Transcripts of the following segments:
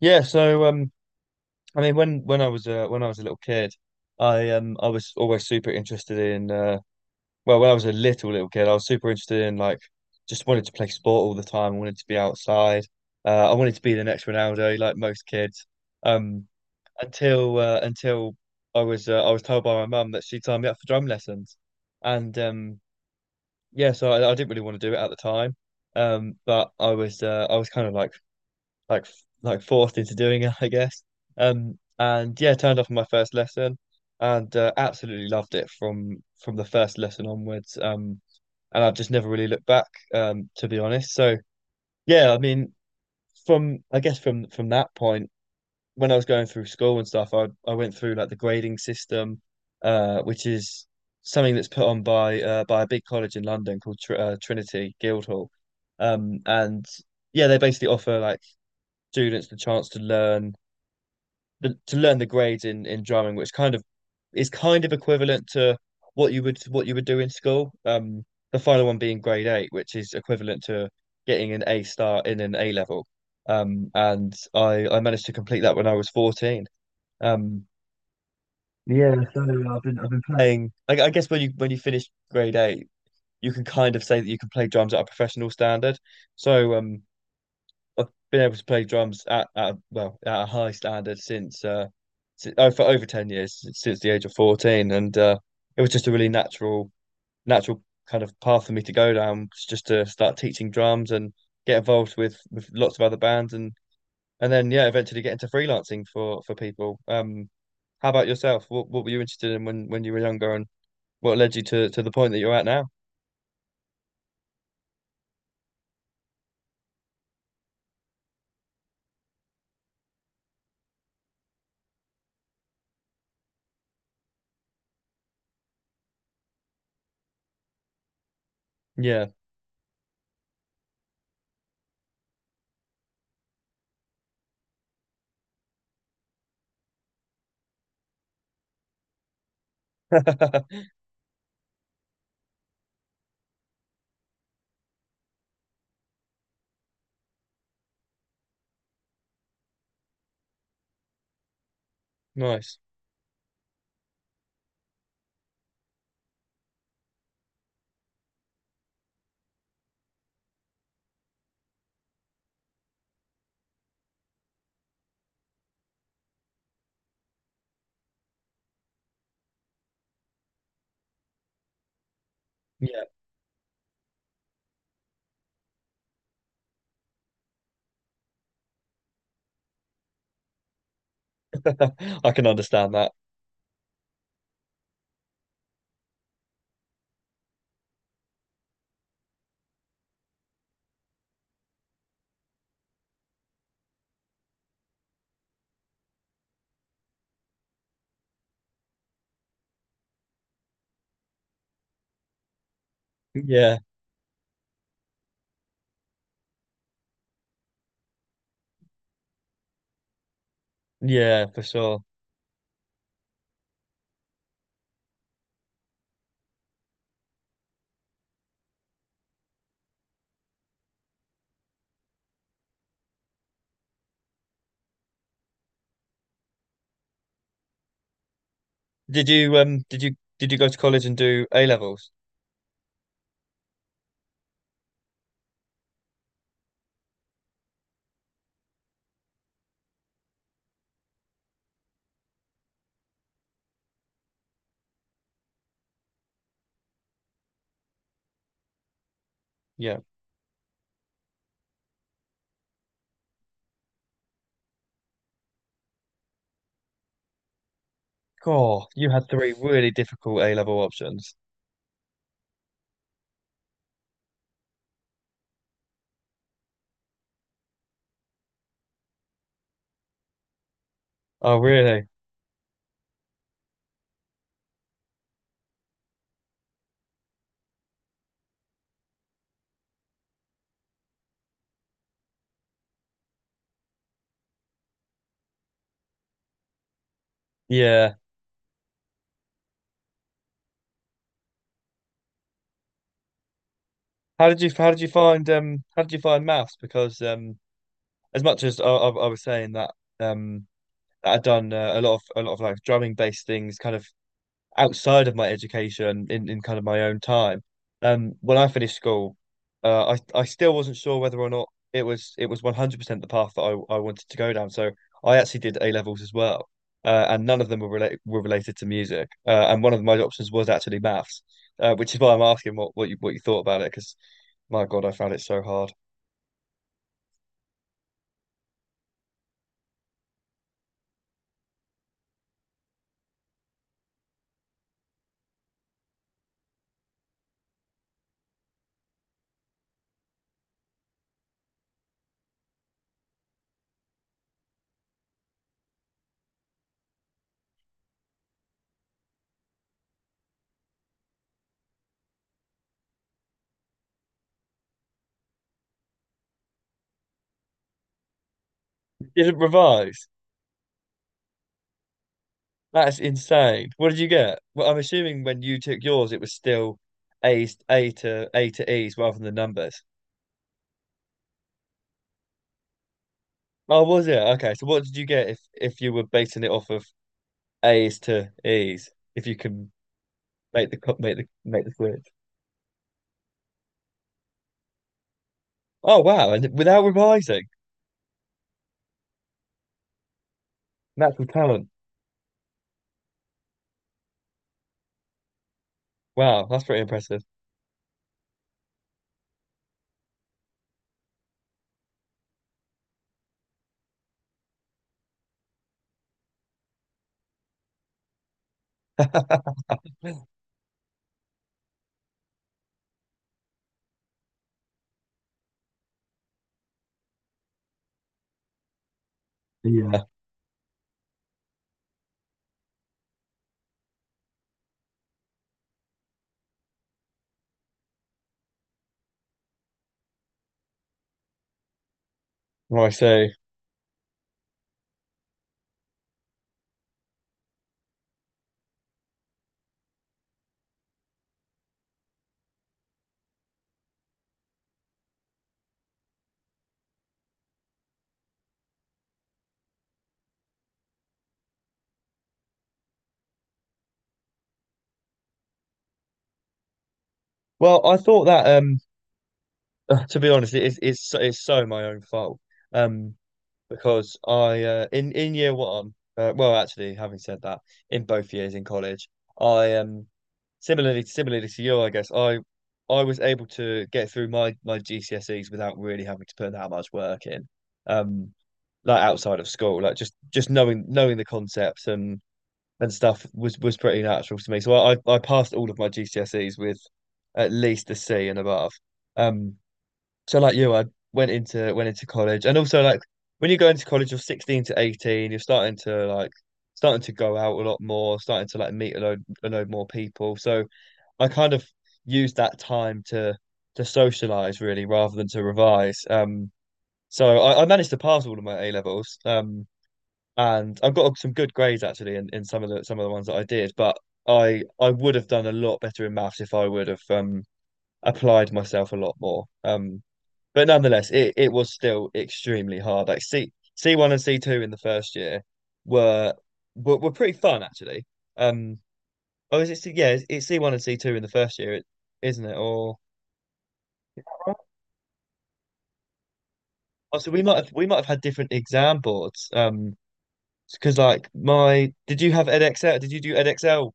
Yeah, so um, when I was when I was a little kid, I was always super interested in when I was a little kid, I was super interested in just wanted to play sport all the time. I wanted to be outside. I wanted to be the next Ronaldo, like most kids. Um, until I was told by my mum that she signed me up for drum lessons, and yeah, so I didn't really want to do it at the time. But I was kind of like like forced into doing it, I guess. And Yeah, turned up on my first lesson, and absolutely loved it from the first lesson onwards. And I've just never really looked back, to be honest. So yeah, I guess from that point, when I was going through school and stuff, I went through like the grading system, which is something that's put on by a big college in London called Tr Trinity Guildhall. And Yeah, they basically offer like students the chance to learn to learn the grades in drumming, which is kind of equivalent to what you would do in school. The final one being grade 8, which is equivalent to getting an A star in an A level. And I managed to complete that when I was 14. Um, Yeah, I've been playing. I guess when you finish grade 8, you can kind of say that you can play drums at a professional standard. So um, I've been able to play drums at well at a high standard for over 10 years since the age of 14, and it was just a really natural kind of path for me to go down, just to start teaching drums and get involved with lots of other bands, and then yeah, eventually get into freelancing for people. How about yourself? What were you interested in when you were younger, and what led you to the point that you're at now? Yeah, nice. Yeah, I can understand that. Yeah, yeah, for sure. Did you did you go to college and do A levels? Yeah. God, you had three really difficult A level options. Oh, really? Yeah. How did you find how did you find maths? Because as much as I was saying that um that I'd done a lot of like drumming based things, kind of outside of my education in kind of my own time. When I finished school, I still wasn't sure whether or not it was 100% the path that I wanted to go down. So I actually did A levels as well, and none of them were related to music. And One of my options was actually maths, which is why I'm asking what you thought about it because my God, I found it so hard. Didn't revise. That's insane. What did you get? Well, I'm assuming when you took yours, it was still A to E's rather than the numbers. Oh, was it? Okay. So what did you get if you were basing it off of A's to E's? If you can make the co- make the switch. Oh wow! And without revising, natural talent. Wow, that's pretty impressive. Yeah. Right. So, well, I thought that to be honest, it's so my own fault um because I in year 1, well, actually, having said that, in both years in college, I similarly, to you, I guess I was able to get through my GCSEs without really having to put that much work in, um, like outside of school, like just knowing the concepts and stuff was pretty natural to me. So I passed all of my GCSEs with at least a C and above. Um, so like you, I went into college, and also like when you go into college, you're 16 to 18, you're starting to like starting to go out a lot more, starting to like meet a load more people. So I kind of used that time to socialize really rather than to revise. So I managed to pass all of my A levels. And I've got some good grades actually in some of the ones that I did, but I would have done a lot better in maths if I would have applied myself a lot more. But nonetheless, it was still extremely hard. Like C one and C two in the first year were were pretty fun actually. Um, Oh, is it? It's C1 and C2 in the first year, isn't it? Or Oh, so we might have had different exam boards. Because like my Did you have EdXL? Did you do EdXL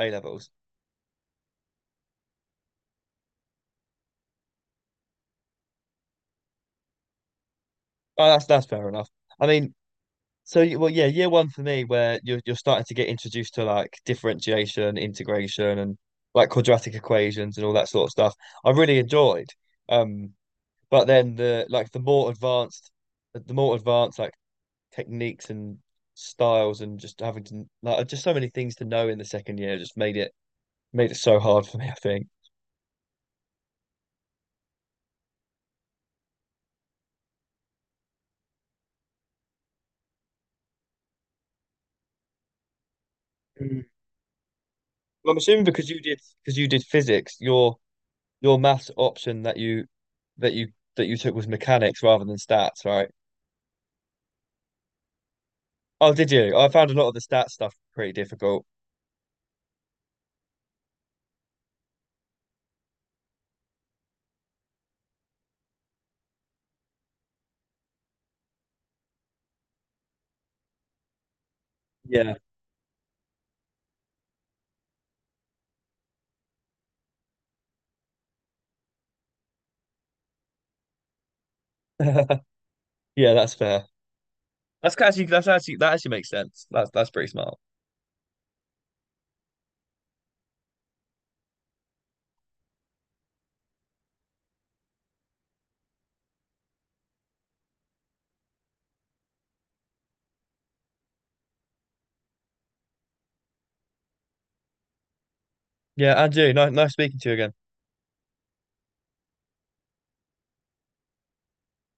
A levels? Oh, that's fair enough. I mean, so you- well, yeah, year 1 for me, where you're starting to get introduced to like differentiation, integration, and like quadratic equations and all that sort of stuff. I really enjoyed. Um, but then the like the more advanced like techniques and styles and just having to like just so many things to know in the second year just made it so hard for me, I think. Mm. Well, I'm assuming because you did physics, your maths option that you that you took was mechanics rather than stats, right? Oh, did you? I found a lot of the stats stuff pretty difficult. Yeah. Yeah, that's fair. That actually makes sense. That's pretty smart. Yeah, Andrew, nice speaking to you again.